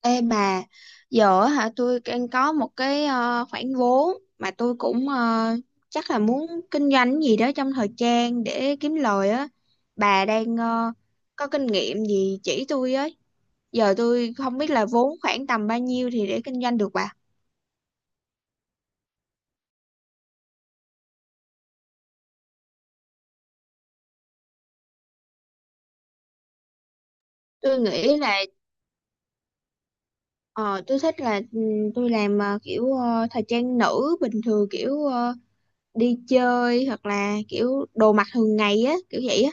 Ê bà, giờ á hả tôi đang có một cái khoản vốn mà tôi cũng chắc là muốn kinh doanh cái gì đó trong thời trang để kiếm lời á. Bà đang có kinh nghiệm gì chỉ tôi ấy. Giờ tôi không biết là vốn khoảng tầm bao nhiêu thì để kinh doanh được bà. Tôi nghĩ là ờ, tôi thích là tôi làm kiểu thời trang nữ bình thường kiểu đi chơi hoặc là kiểu đồ mặc thường ngày á, kiểu vậy á.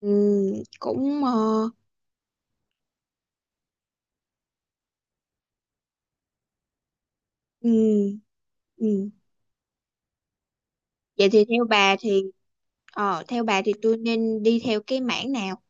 Ừ, cũng ừ. Ừ. Vậy thì theo bà thì ờ theo bà thì tôi nên đi theo cái mảng nào?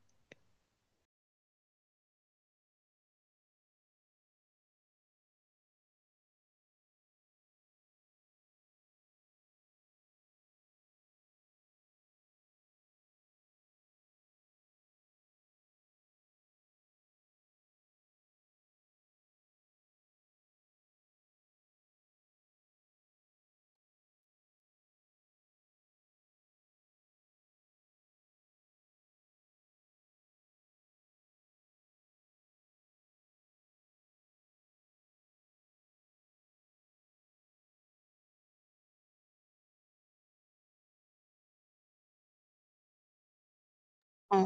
Ồ,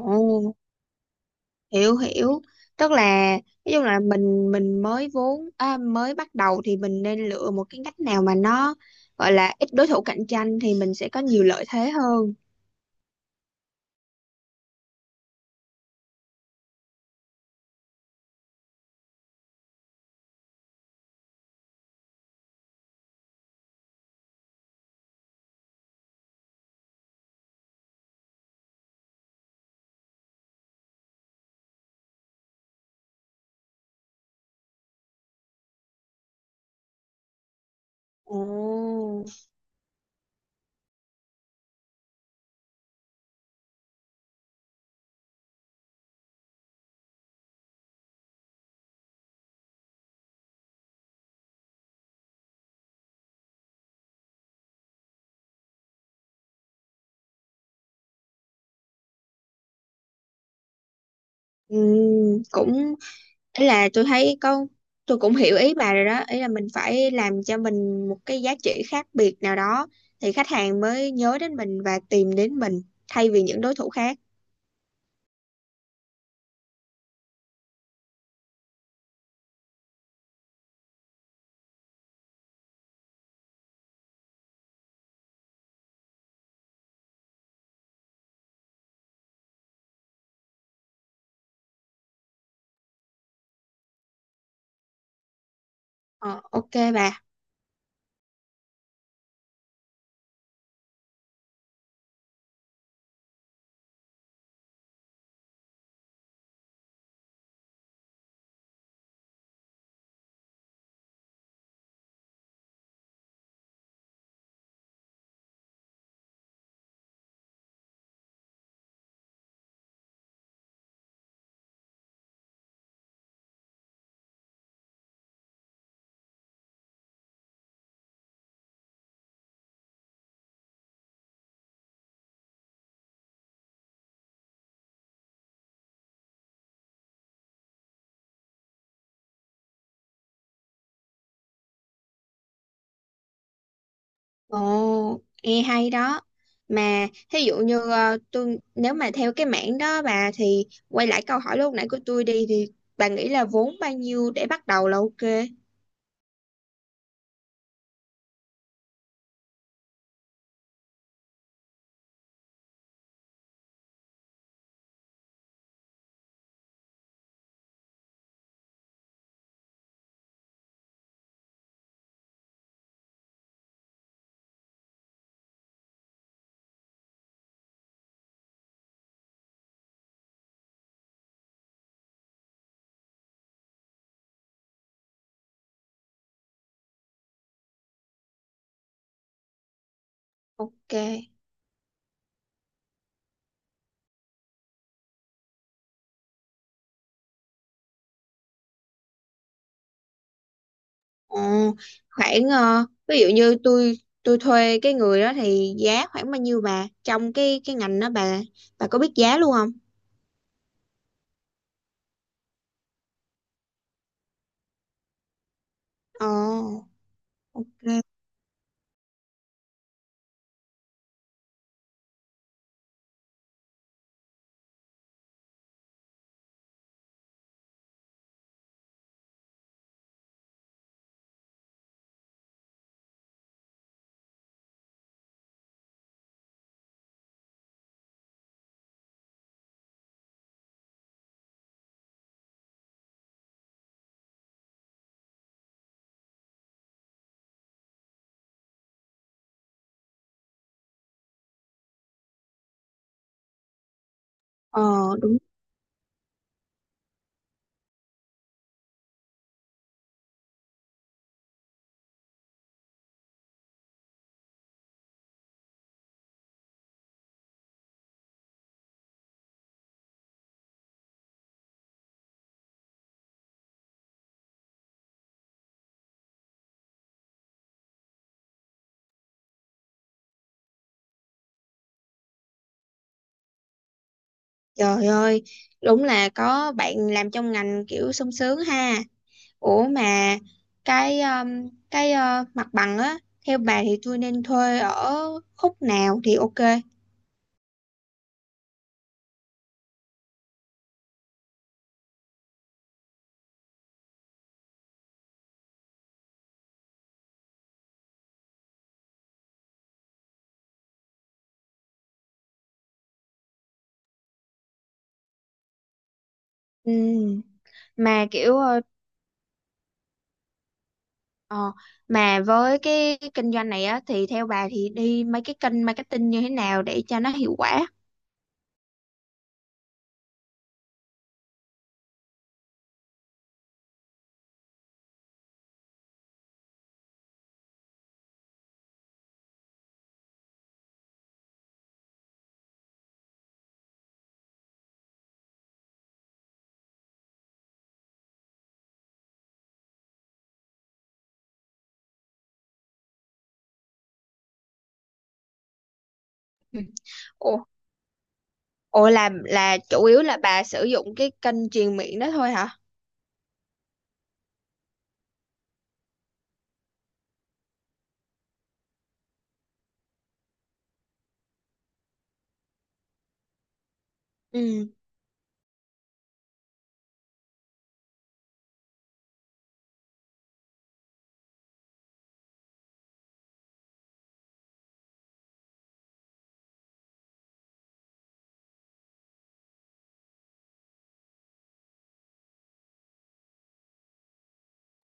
hiểu hiểu. Tức là ví dụ là mình mới vốn à, mới bắt đầu thì mình nên lựa một cái ngách nào mà nó gọi là ít đối thủ cạnh tranh thì mình sẽ có nhiều lợi thế hơn. Ồ. Ừ, cũng ý là tôi thấy có tôi cũng hiểu ý bà rồi đó, ý là mình phải làm cho mình một cái giá trị khác biệt nào đó thì khách hàng mới nhớ đến mình và tìm đến mình thay vì những đối thủ khác. Ờ, ok bà. Ồ nghe hay đó. Mà thí dụ như tôi nếu mà theo cái mảng đó bà, thì quay lại câu hỏi lúc nãy của tôi đi thì bà nghĩ là vốn bao nhiêu để bắt đầu là ok? Ok. Ờ, Khoảng ví dụ như tôi thuê cái người đó thì giá khoảng bao nhiêu bà, trong cái ngành đó bà có biết giá luôn không? Ờ, ok. Ờ, đúng. Trời ơi, đúng là có bạn làm trong ngành kiểu sung sướng ha. Ủa mà cái mặt bằng á, theo bà thì tôi nên thuê ở khúc nào thì ok? Ừ. Mà kiểu Ờ, mà với cái kinh doanh này á thì theo bà thì đi mấy cái kênh marketing như thế nào để cho nó hiệu quả? Ừ. Ồ, ồ là chủ yếu là bà sử dụng cái kênh truyền miệng đó thôi hả? Ừ.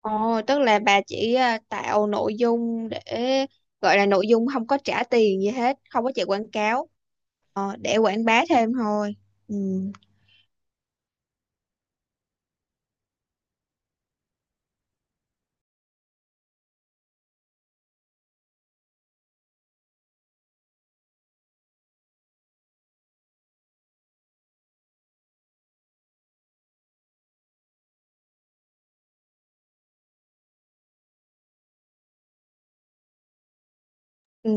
Ồ, tức là bà chỉ à, tạo nội dung để gọi là nội dung không có trả tiền gì hết, không có chạy quảng cáo, để quảng bá thêm thôi. Ừ. Ừ.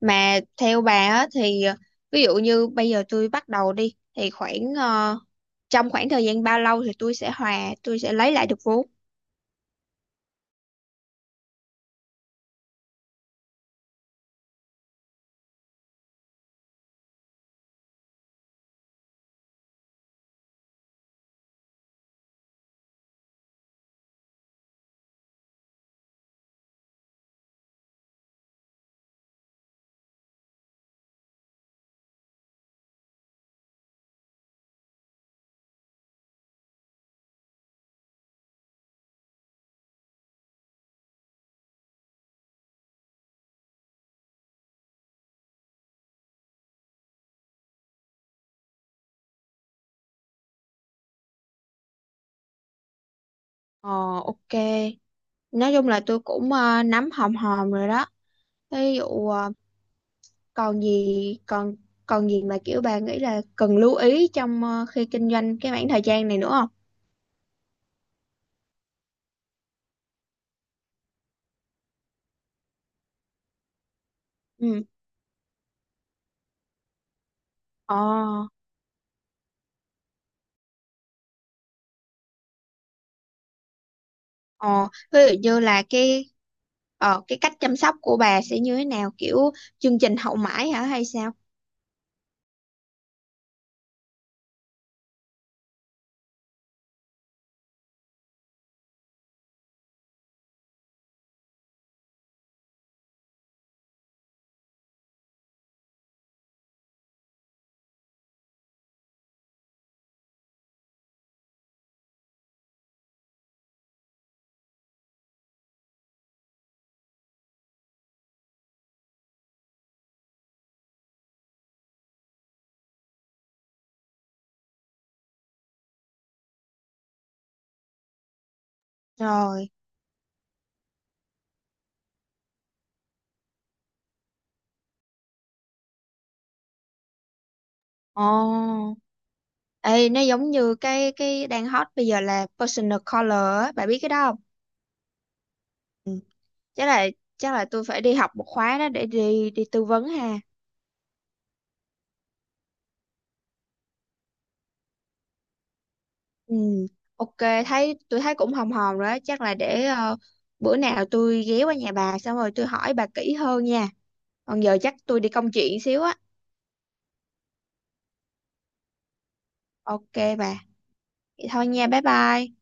Mà theo bà á, thì ví dụ như bây giờ tôi bắt đầu đi thì khoảng trong khoảng thời gian bao lâu thì tôi sẽ hòa, tôi sẽ lấy lại được vốn? Ờ, ok. Nói chung là tôi cũng nắm hòm hòm rồi đó. Ví dụ còn gì, còn còn gì mà kiểu bà nghĩ là cần lưu ý trong khi kinh doanh cái khoảng thời gian này nữa không? Ừ. Ờ. Ờ ví dụ như là cái ờ cái cách chăm sóc của bà sẽ như thế nào, kiểu chương trình hậu mãi hả hay sao? Rồi. Ồ. Ê, nó giống như cái đang hot bây giờ là personal color á, bà biết cái đó không? Ừ. Chắc là chắc là tôi phải đi học một khóa đó để đi đi tư vấn ha. Ừ. Ok, thấy tôi thấy cũng hòm hòm rồi đó, chắc là để bữa nào tôi ghé qua nhà bà xong rồi tôi hỏi bà kỹ hơn nha. Còn giờ chắc tôi đi công chuyện xíu á. Ok bà. Vậy thôi nha, bye bye.